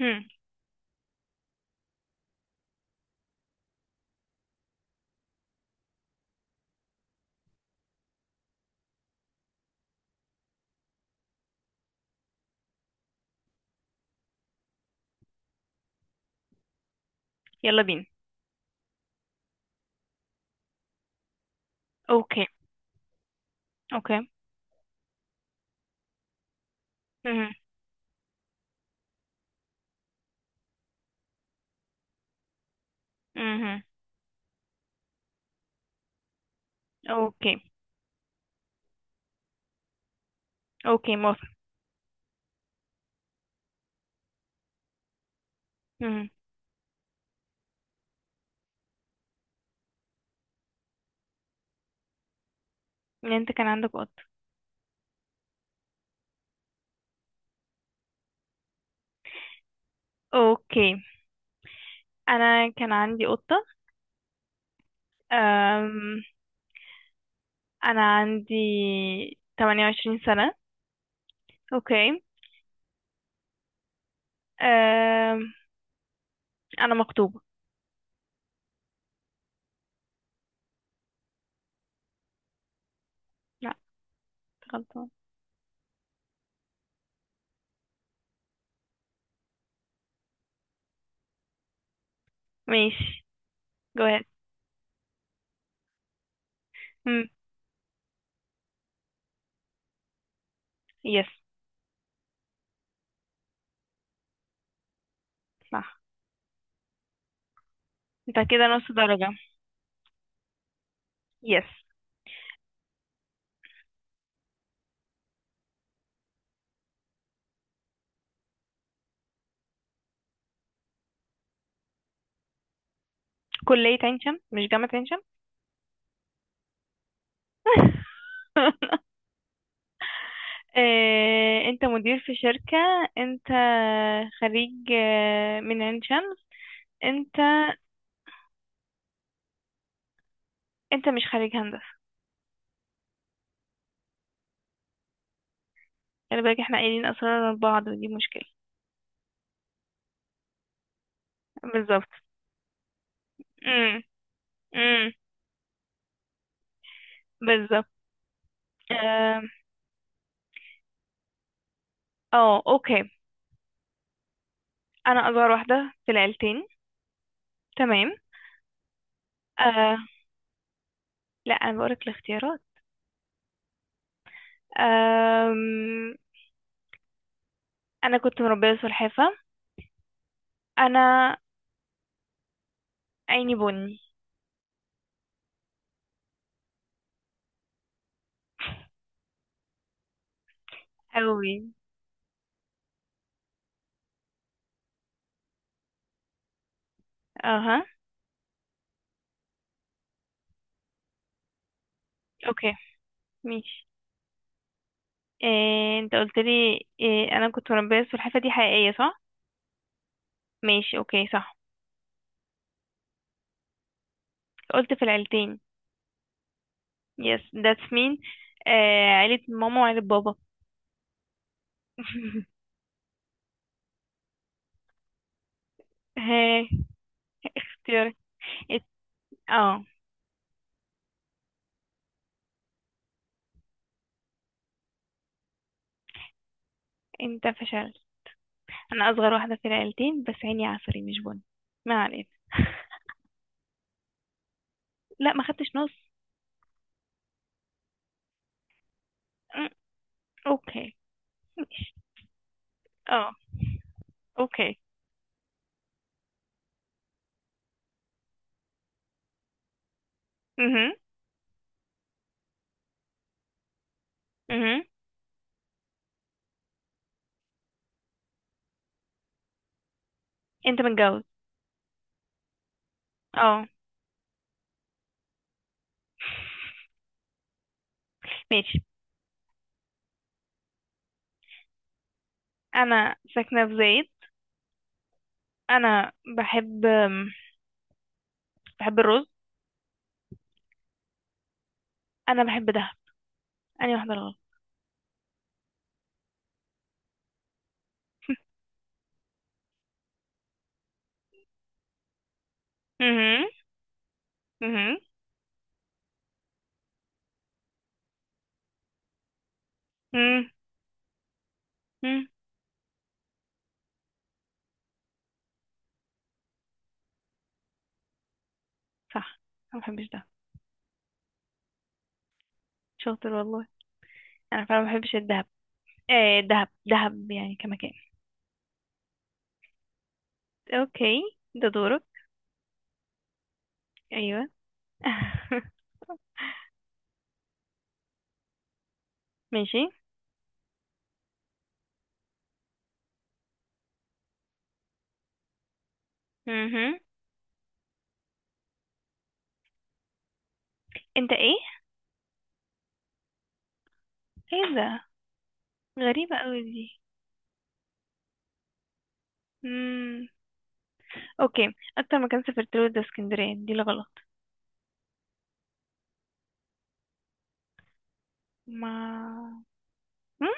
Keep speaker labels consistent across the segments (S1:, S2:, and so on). S1: هم. يلا بينا. اوكي. اوكي. مهم. مهم. اوكي. اوكي، موافق. مهم. ان انت كان عندك قطة. اوكي. انا كان عندي قطة. أم... انا عندي 28 سنة. اوكي. أم... انا مخطوبة. لا، غلطان. ماشي. go ahead. هم. يس. صح. انت كده نص درجة. يس. كلية عين شمس مش جامعة عين شمس. آه، انت مدير في شركة. انت خريج من عين شمس. انت انت مش خريج هندسة. خلي بالك، احنا قايلين اسرار بعض ودي مشكلة. بالظبط. امم. امم. بالظبط. اه. آه، اوكي. انا اصغر واحدة في العيلتين. تمام. آه. لا، انا بقولك الاختيارات. آم، انا كنت مربية سلحفة. انا عيني بني. اوي. اها. اوكي، ماشي. إيه، انت قلت لي إيه؟ انا كنت مربيه السلحفاه، دي حقيقيه صح؟ ماشي، اوكي، صح. قلت في العيلتين. يس، ذاتس مين. آه، عيله ماما وعيله بابا. ها. اختيارك. ات- اه. انت فشلت. انا اصغر واحده في العيلتين بس عيني عسلي مش بني. ما علينا. لا، ما خدتش نص. م،. اوكي. اه. اوكي. اها. اها. انت متجوز. اه. ماشي. انا ساكنه في زايد. انا بحب. الرز. انا بحب دهب. انهي واحده الغلط؟ مهم. مهم. مم. امم. صح. انا ما بحبش دهب. شاطر والله. انا فعلا ما بحبش الدهب. ايه دهب، دهب يعني كمكان. اوكي، ده دورك. ايوه. ماشي. مهم. انت ايه؟ ايه ده؟ غريبه قوي دي. امم. اوكي، اكتر مكان سافرت له ده اسكندريه، دي الغلط. ما. مم؟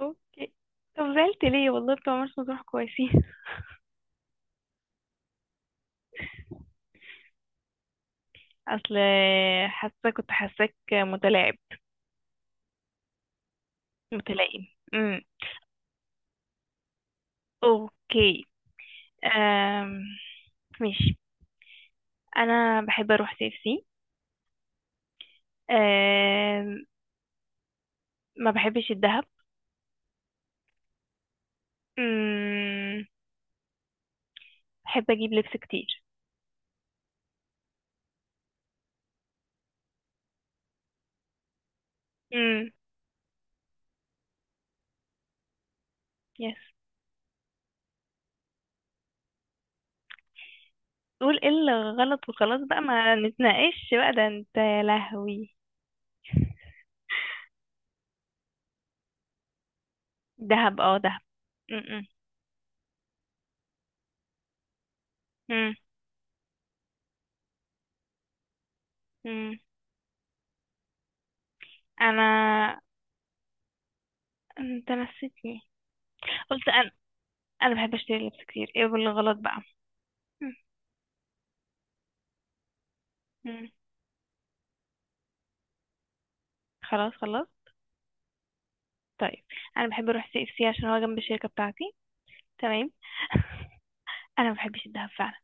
S1: اوكي. طب زعلت ليه؟ والله بتوع مرسى مطروح كويسين. اصل، حاسه كنت حاساك متلاعب. متلائم. امم. اوكي. أم. ماشي. انا بحب اروح سي اف سي. أم. ما بحبش الذهب. امم. بحب اجيب لبس كتير. امم. يس. قول ايه اللي غلط وخلاص بقى، ما نتناقش بقى ده، انت يا لهوي. دهب، اه دهب. امم. امم. أمم. انا. انت نسيتني. قلت انا. انا بحب اشتري لبس كتير، ايه اللي غلط بقى؟ أمم. خلاص خلاص. طيب. انا بحب اروح سي اف سي عشان هو جنب الشركه بتاعتي. تمام. انا ما بحبش الدهب فعلا.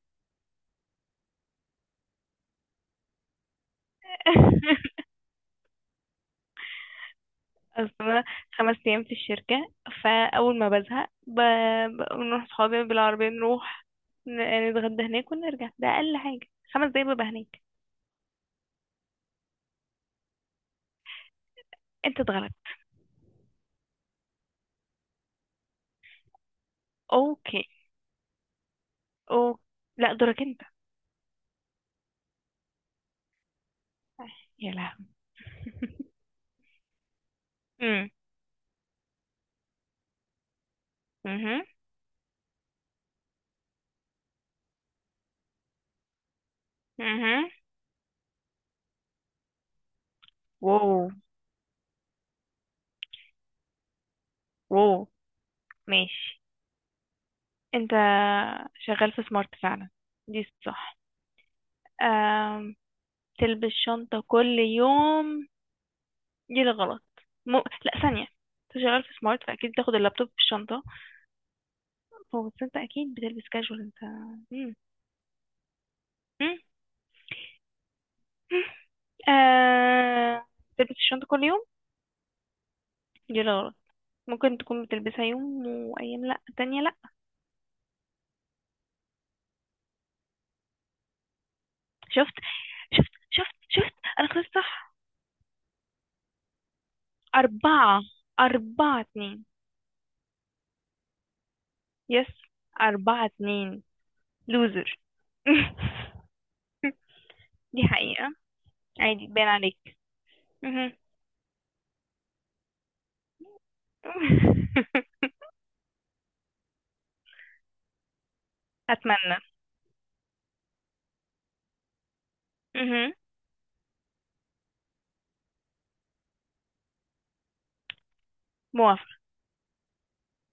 S1: اصل انا خمس ايام في الشركه. فاول ما بزهق بنروح صحابي بالعربيه، نروح نتغدى هناك ونرجع. ده اقل حاجه، خمس دقايق ببقى هناك. انت اتغلبت. اوكي. او. لا، دورك انت. يا لهوي. امم. امم. امم. واو. واو. ماشي. انت شغال في سمارت فعلا، دي صح. آم، تلبس شنطة كل يوم، دي الغلط. لا، ثانية، انت شغال في سمارت فأكيد بتاخد اللابتوب في الشنطة. هو بس انت أكيد بتلبس كاجوال انت. مم. مم. آه... تلبس الشنطة كل يوم، دي الغلط. ممكن تكون بتلبسها يوم وأيام لأ تانية لأ. شفت شفت شفت، أنا كنت صح. أربعة. أربعة اتنين. يس. أربعة اتنين. لوزر. دي حقيقة. عادي، باين عليك. مهم. أتمنى. مهم. موافقة.